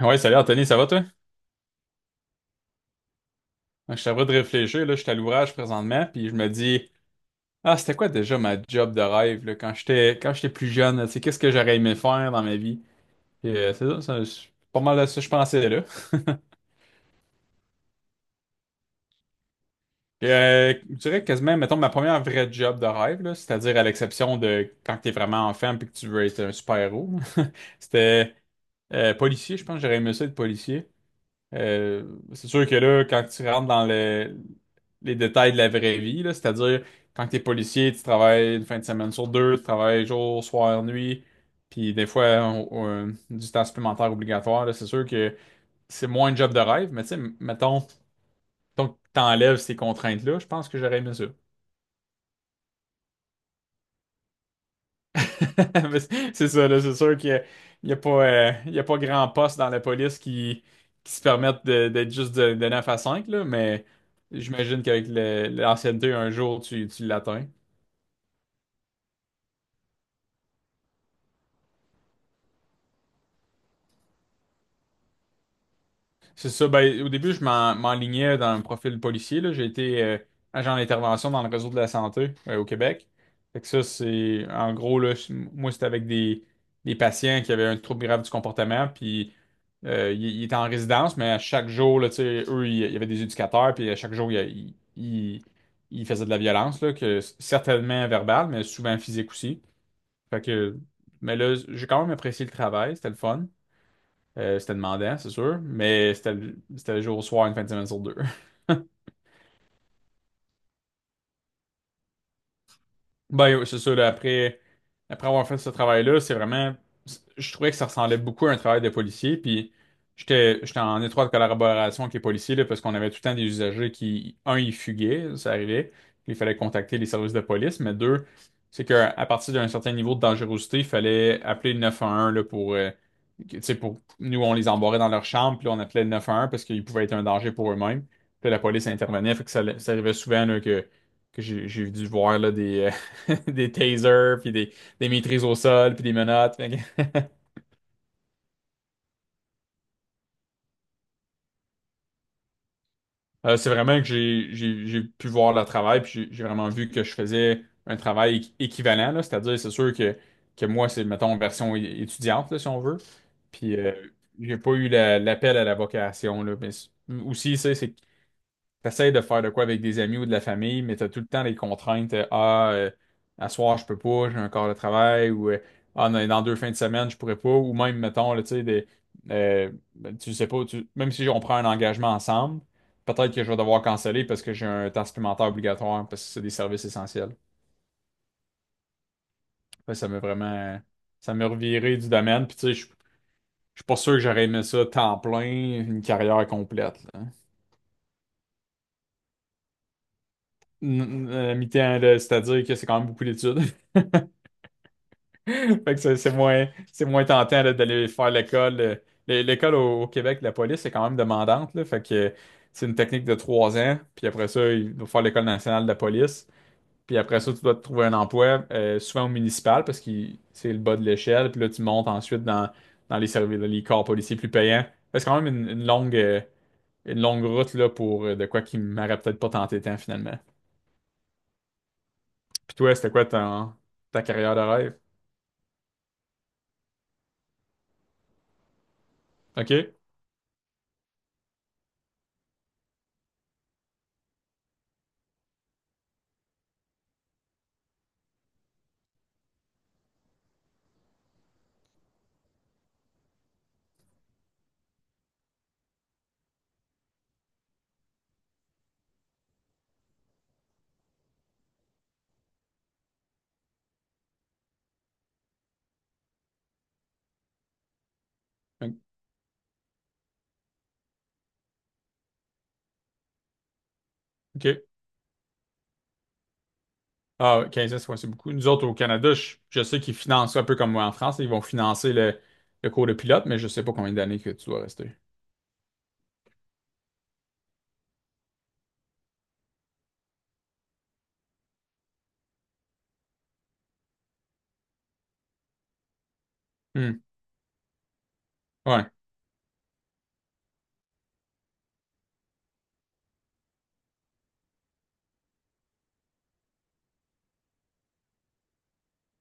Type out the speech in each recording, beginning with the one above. Ouais, salut Anthony, ça va toi? Je suis en de réfléchir, là, je suis à l'ouvrage présentement, puis je me dis, ah, c'était quoi déjà ma job de rêve, là, quand j'étais plus jeune, là, tu sais, qu'est-ce que j'aurais aimé faire dans ma vie? Puis, c'est ça. Ça, c'est pas mal à ça que je pensais, là. Puis, je dirais quasiment, mettons, ma première vraie job de rêve, là, c'est-à-dire à l'exception de quand t'es vraiment enfant puis que tu veux être un super-héros, c'était policier, je pense que j'aurais aimé ça être policier. Euh, c'est sûr que là, quand tu rentres dans les détails de la vraie vie, là, c'est-à-dire quand tu es policier, tu travailles une fin de semaine sur deux, tu travailles jour, soir, nuit, puis des fois du temps supplémentaire obligatoire, là, c'est sûr que c'est moins un job de rêve, mais tu sais, mettons, donc t'enlèves ces contraintes-là, je pense que j'aurais aimé ça. Mais c'est ça, là, c'est sûr qu'il y a pas grand poste dans la police qui se permettent d'être juste de 9 à 5 là, mais j'imagine qu'avec l'ancienneté, un jour, tu l'atteins. C'est ça, ben, au début, je m'enlignais dans un profil policier, là. J'ai été agent d'intervention dans le réseau de la santé au Québec. Fait que ça, c'est, en gros, là, moi, c'était avec des patients qui avaient un trouble grave du comportement. Puis Il était en résidence, mais à chaque jour, là, tu sais, eux, il y avait des éducateurs, puis à chaque jour, il faisait de la violence, là, que certainement verbale, mais souvent physique aussi. Fait que, mais là, j'ai quand même apprécié le travail, c'était le fun. C'était demandant, c'est sûr, mais c'était le jour au soir, une fin de semaine sur deux. Ben, ouais, c'est sûr, après avoir fait ce travail-là, c'est vraiment, je trouvais que ça ressemblait beaucoup à un travail de policier, puis j'étais en étroite collaboration avec les policiers, là, parce qu'on avait tout le temps des usagers qui, un, ils fuguaient, ça arrivait, il fallait contacter les services de police, mais deux, c'est qu'à partir d'un certain niveau de dangerosité, il fallait appeler le 911, là, pour, tu sais, pour, nous, on les embarrait dans leur chambre, puis là, on appelait le 911 parce qu'ils pouvaient être un danger pour eux-mêmes, puis la police intervenait, fait que ça arrivait souvent, là, que j'ai dû voir là, des, des tasers, puis des maîtrises au sol, puis des menottes. C'est vraiment que j'ai pu voir leur travail, puis j'ai vraiment vu que je faisais un travail équivalent, là. C'est-à-dire, c'est sûr que moi, c'est, mettons, version étudiante, là, si on veut. Puis j'ai pas eu l'appel à la vocation, là. Mais aussi, ça, c'est T'essayes de faire de quoi avec des amis ou de la famille, mais t'as tout le temps les contraintes. À soir, je peux pas, j'ai un corps de travail, ou dans deux fins de semaine, je pourrais pas, ou même, mettons, là, tu sais, euh, ben, tu sais pas, même si on prend un engagement ensemble, peut-être que je vais devoir canceller parce que j'ai un temps supplémentaire obligatoire, parce que c'est des services essentiels. Fait que ça m'a reviré du domaine, puis tu sais, je suis pas sûr que j'aurais aimé ça temps plein, une carrière complète, là. N- mi-temps, là, c'est-à-dire que c'est quand même beaucoup d'études. Fait que c'est moins, c'est moins tentant là, d'aller faire l'école. L'école au Québec, la police est quand même demandante, là. Fait que c'est une technique de 3 ans. Puis après ça, il faut faire l'école nationale de la police. Puis après ça, tu dois te trouver un emploi, souvent au municipal, parce que c'est le bas de l'échelle. Puis là, tu montes ensuite dans les services, les corps policiers plus payants. Fait que c'est quand même une longue route là, pour de quoi qui m'aurait peut-être pas tenté tant finalement. Puis toi, c'était quoi ta carrière de rêve? OK? OK. Ah, ouais, 15 ans, c'est ouais, c'est beaucoup. Nous autres, au Canada, je sais qu'ils financent ça un peu comme moi en France. Ils vont financer le cours de pilote, mais je sais pas combien d'années que tu dois rester. Hmm. Ouais.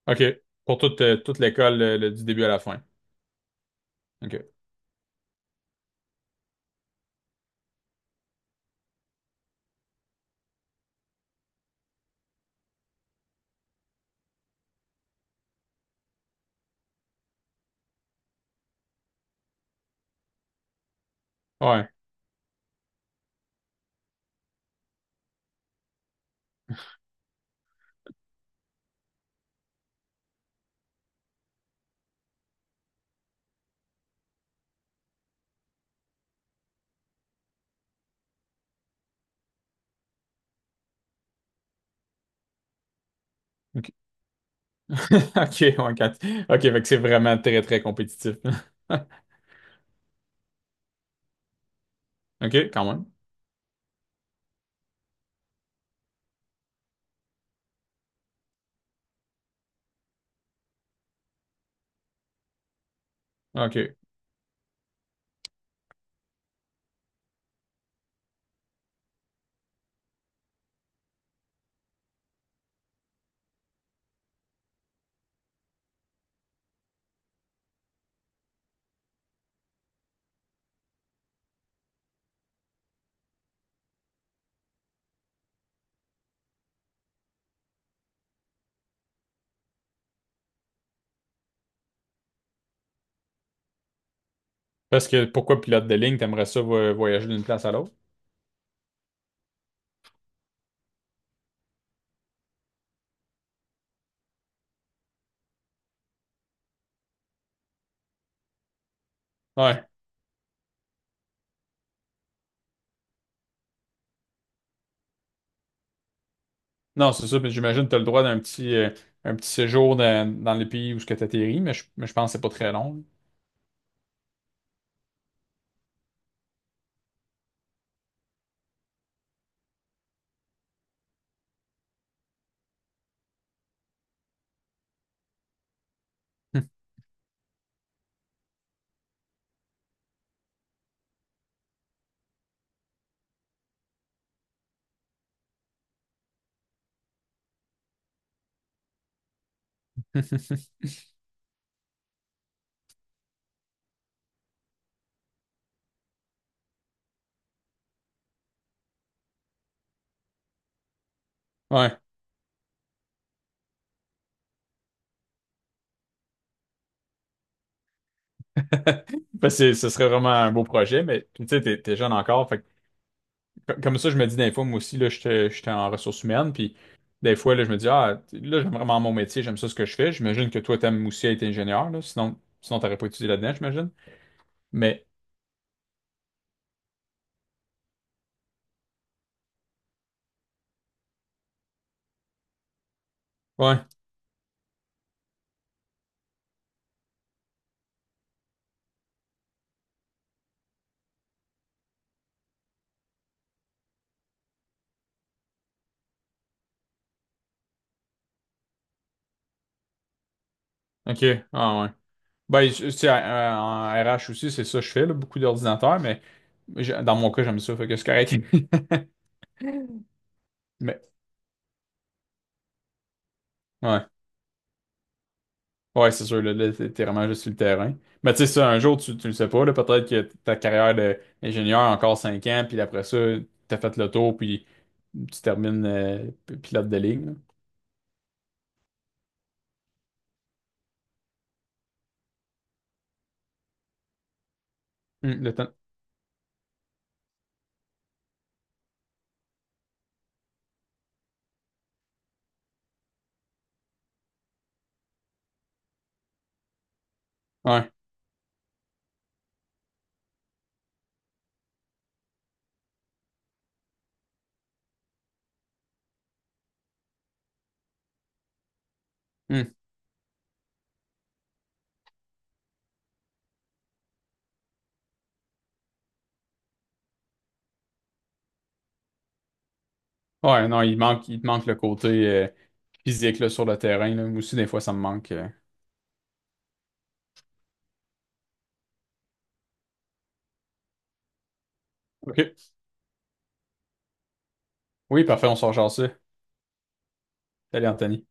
OK. Pour toute, toute l'école, du début à la fin. OK. Ouais. OK. OK. Ouais, OK. Fait que c'est vraiment très, très compétitif. OK, quand même. OK. Parce que pourquoi pilote de ligne, t'aimerais ça voyager d'une place à l'autre? Ouais. Non, c'est ça. Puis j'imagine que tu as le droit un petit séjour dans les pays où tu atterris, mais je pense que c'est pas très long. Ouais. Parce que ce serait vraiment un beau projet, mais tu sais, t'es jeune encore. Fait que comme ça, je me dis des fois, moi aussi, là, j'étais en ressources humaines, puis des fois, là, je me dis, ah, là, j'aime vraiment mon métier, j'aime ça ce que je fais. J'imagine que toi, t'aimes aussi être ingénieur, là, sinon t'aurais pas étudié là-dedans, j'imagine. Mais, ouais, ok, ah ouais. Ben, tu sais, en RH aussi, c'est ça que je fais, là, beaucoup d'ordinateurs, mais dans mon cas, j'aime ça, fait que c'est correct. Mais, ouais. Ouais, c'est sûr, là, t'es vraiment juste sur le terrain. Mais tu sais, ça, un jour, tu le sais pas, là, peut-être que ta carrière d'ingénieur encore 5 ans, puis après ça, t'as fait le tour, puis tu termines pilote de ligne. Là. Hum, le temps- Ouais. Hum. Ouais, non, il te manque le côté physique là, sur le terrain. Là. Moi aussi, des fois, ça me manque. OK. Oui, parfait, on sort genre ça. Salut, Anthony.